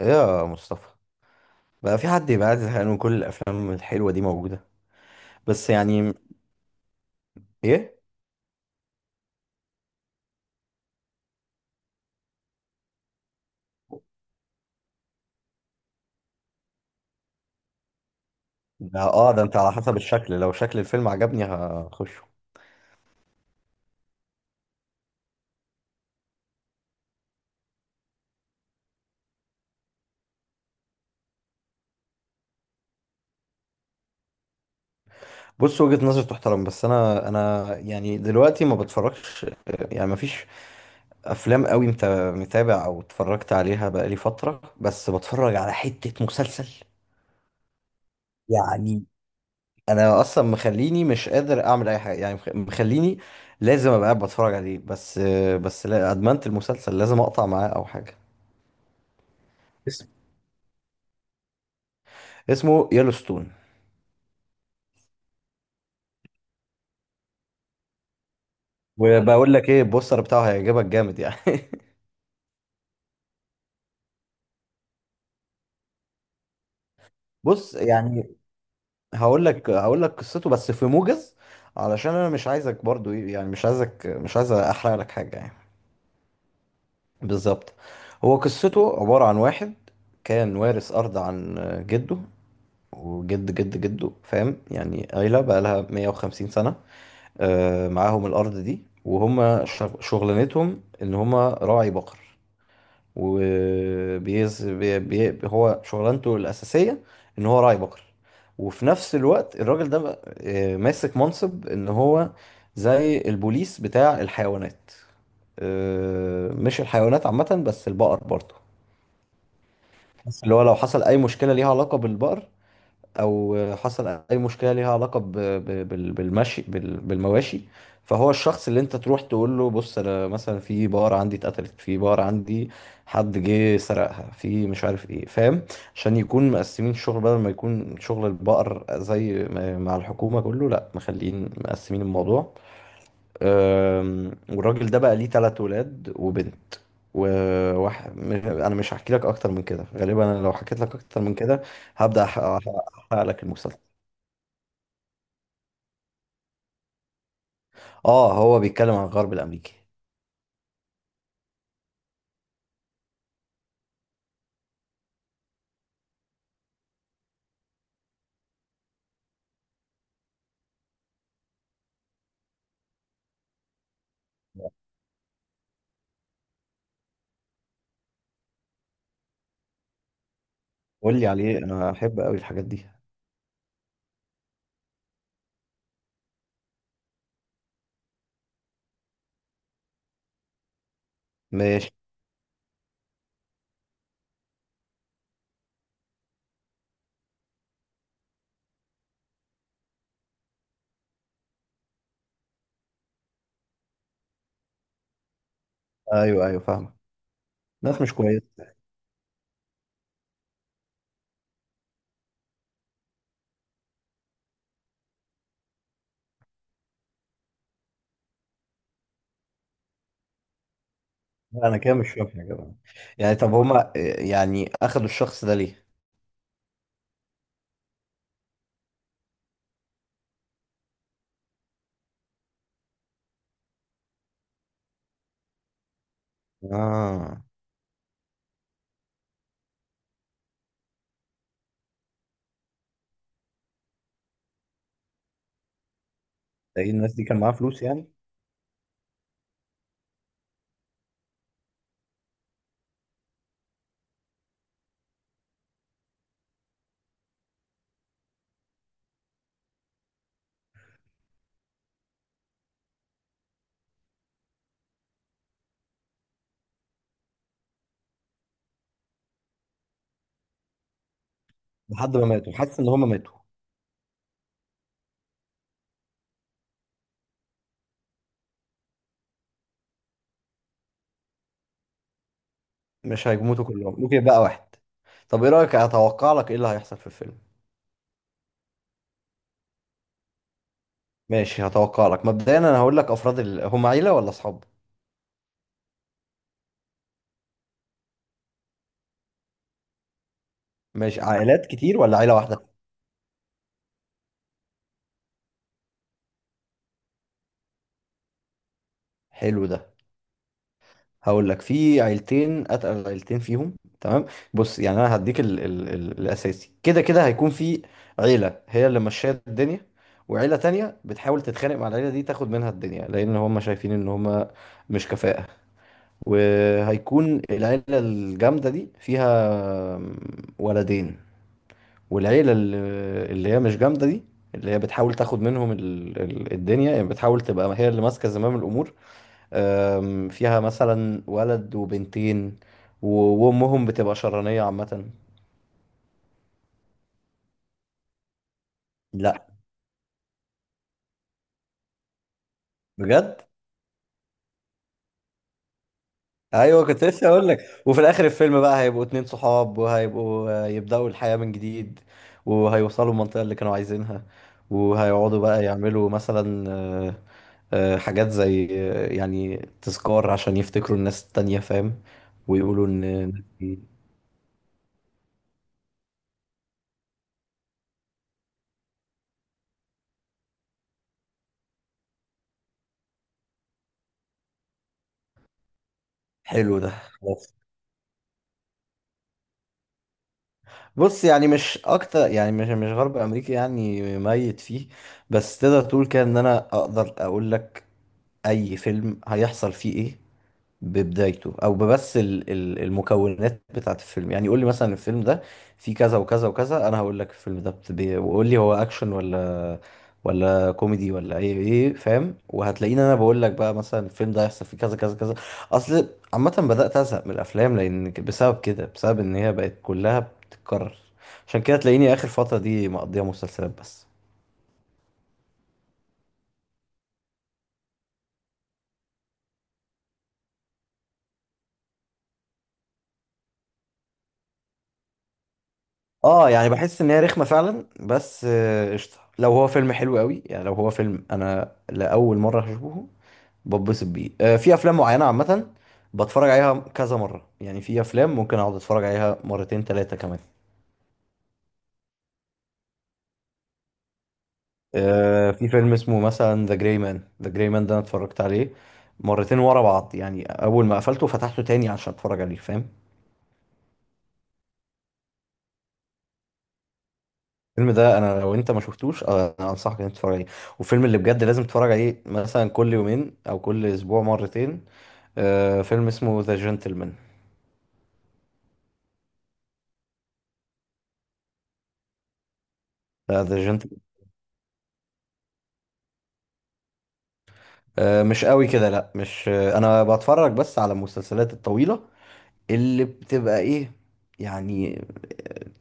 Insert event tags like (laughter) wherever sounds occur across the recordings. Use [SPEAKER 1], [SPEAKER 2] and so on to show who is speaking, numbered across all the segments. [SPEAKER 1] يا مصطفى، بقى في حد يبقى قاعد زهقان وكل الافلام الحلوه دي موجوده؟ بس يعني ايه. ده انت على حسب الشكل، لو شكل الفيلم عجبني هخشه. بص، وجهة نظر تحترم، بس انا يعني دلوقتي ما بتفرجش. يعني ما فيش افلام قوي انت متابع او اتفرجت عليها بقالي فتره، بس بتفرج على حته مسلسل. يعني انا اصلا مخليني مش قادر اعمل اي حاجه، يعني مخليني لازم ابقى قاعد بتفرج عليه بس. بس لا، ادمنت المسلسل لازم اقطع معاه او حاجه. اسم اسمه يellowstone. وبقول لك ايه، البوستر بتاعه هيعجبك جامد يعني. (laughs) بص يعني، هقول لك قصته بس في موجز، علشان انا مش عايزك برضو ايه يعني، مش عايز احرق لك حاجه يعني. بالظبط. هو قصته عباره عن واحد كان وارث ارض عن جده، وجد جد جده، فاهم، يعني عيلة بقى لها 150 سنة. آه، معاهم الأرض دي، وهم شغلانتهم إن هم راعي بقر. وبيز بي بي هو شغلانته الأساسية إن هو راعي بقر، وفي نفس الوقت الراجل ده بقى ماسك منصب إن هو زي البوليس بتاع الحيوانات، مش الحيوانات عامة بس البقر برضه. اللي هو لو حصل أي مشكلة ليها علاقة بالبقر، او حصل اي مشكله ليها علاقه بالمواشي، فهو الشخص اللي انت تروح تقول له بص انا مثلا في بقره عندي اتقتلت، في بقره عندي حد جه سرقها، في مش عارف ايه، فاهم. عشان يكون مقسمين الشغل، بدل ما يكون شغل البقر زي مع الحكومه كله، لا مخلين مقسمين الموضوع. والراجل ده بقى ليه تلات ولاد وبنت، انا مش هحكي لك اكتر من كده. غالبا انا لو حكيت لك اكتر من كده هبدأ احرق لك المسلسل. اه، هو بيتكلم عن الغرب الامريكي. قول لي عليه، انا احب قوي الحاجات دي. ماشي. ايوه ايوه فاهمك. ناس مش كويس. لا، انا كده مش فاهم حاجه بقى. يعني طب هما إيه، يعني اخدوا الشخص ده ليه؟ اه. ده إيه الناس دي كان معاها فلوس يعني؟ لحد ما ماتوا؟ حاسس ان هما ماتوا. مش هيموتوا كلهم، ممكن يبقى واحد. طب ايه رأيك، اتوقع لك ايه اللي هيحصل في الفيلم. ماشي، هتوقع لك مبدئيا. انا هقول لك، افراد هم عيلة ولا اصحاب؟ ماشي، عائلات كتير ولا عيلة واحدة؟ حلو ده. هقول لك، في عيلتين اتقل، عيلتين فيهم تمام. بص يعني انا هديك الاساسي، كده كده هيكون في عيلة هي اللي ماشية الدنيا، وعيلة تانية بتحاول تتخانق مع العيلة دي تاخد منها الدنيا، لان هم شايفين ان هم مش كفاءة. وهيكون العيلة الجامدة دي فيها ولدين، والعيلة اللي هي مش جامدة دي، اللي هي بتحاول تاخد منهم الدنيا، يعني بتحاول تبقى هي اللي ماسكة زمام الأمور. فيها مثلا ولد وبنتين، و- وأمهم بتبقى شرانية عامة. لا. بجد. ايوه، كنت لسه اقول لك. وفي الاخر الفيلم بقى، هيبقوا اتنين صحاب وهيبقوا يبداوا الحياه من جديد، وهيوصلوا المنطقه اللي كانوا عايزينها، وهيقعدوا بقى يعملوا مثلا حاجات زي يعني تذكار، عشان يفتكروا الناس التانية، فاهم، ويقولوا ان... حلو ده، خلاص. بص يعني، مش اكتر، يعني مش غرب امريكي يعني ميت فيه. بس تقدر تقول كده، ان انا اقدر اقول لك اي فيلم هيحصل فيه ايه ببدايته، او ببس المكونات بتاعت الفيلم. يعني يقول لي مثلا الفيلم ده فيه كذا وكذا وكذا، انا هقول لك الفيلم ده وقول لي هو اكشن ولا كوميدي ولا ايه فاهم، وهتلاقيني انا بقول لك بقى مثلا الفيلم ده هيحصل فيه كذا كذا كذا. اصل عامه بدات ازهق من الافلام لان بسبب كده، بسبب ان هي بقت كلها بتتكرر. عشان كده تلاقيني اخر فتره دي مقضيها مسلسلات بس. اه، يعني بحس ان هي رخمه فعلا، بس قشطه لو هو فيلم حلو قوي. يعني لو هو فيلم انا لاول مره هشوفه، بتبسط بيه. في افلام معينه عامه بتفرج عليها كذا مره، يعني في افلام ممكن اقعد اتفرج عليها مرتين ثلاثه كمان. في فيلم اسمه مثلا ذا جراي مان. ذا جراي مان ده انا اتفرجت عليه مرتين ورا بعض، يعني اول ما قفلته فتحته تاني عشان اتفرج عليه، فاهم. الفيلم ده انا لو انت ما شفتوش، انا انصحك ان انت تتفرج عليه. والفيلم اللي بجد لازم تتفرج عليه مثلا كل يومين او كل اسبوع مرتين، فيلم اسمه ذا جنتلمان. ذا جنتلمان. مش قوي كده، لا مش انا بتفرج بس على المسلسلات الطويلة اللي بتبقى ايه، يعني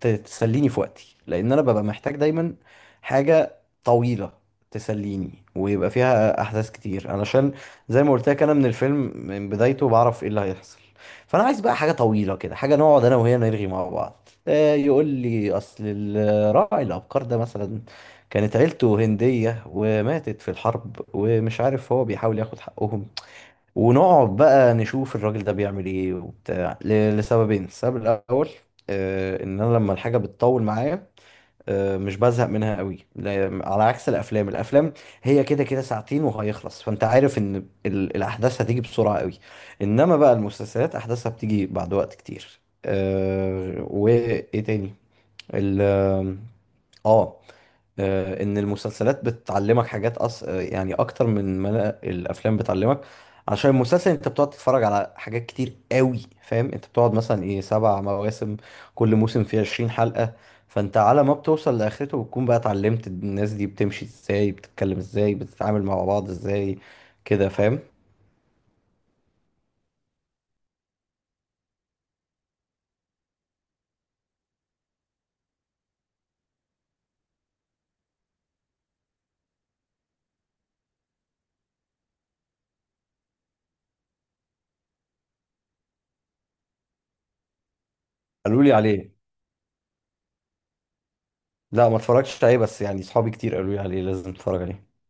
[SPEAKER 1] تسليني في وقتي، لان انا ببقى محتاج دايما حاجة طويلة تسليني، ويبقى فيها احداث كتير، علشان زي ما قلت لك انا من الفيلم من بدايته بعرف ايه اللي هيحصل. فانا عايز بقى حاجة طويلة كده، حاجة نقعد انا وهي نرغي مع بعض، يقول لي اصل راعي الابقار ده مثلا كانت عيلته هندية وماتت في الحرب ومش عارف هو بيحاول ياخد حقهم، ونقعد بقى نشوف الراجل ده بيعمل ايه وبتاع لسببين. السبب الاول، ان انا لما الحاجه بتطول معايا مش بزهق منها قوي، على عكس الافلام هي كده كده ساعتين وهيخلص، فانت عارف ان الاحداث هتيجي بسرعه قوي، انما بقى المسلسلات احداثها بتيجي بعد وقت كتير. وايه تاني، ال اه آه، ان المسلسلات بتعلمك حاجات أص... آه، يعني اكتر من ما الافلام بتعلمك. عشان المسلسل انت بتقعد تتفرج على حاجات كتير قوي، فاهم، انت بتقعد مثلا ايه سبع مواسم، كل موسم فيه 20 حلقة، فانت على ما بتوصل لاخرته بتكون بقى اتعلمت الناس دي بتمشي ازاي، بتتكلم ازاي، بتتعامل مع بعض ازاي، كده فاهم. قالوا لي عليه. لا ما اتفرجتش عليه، بس يعني صحابي كتير قالوا لي عليه لازم تتفرج عليه.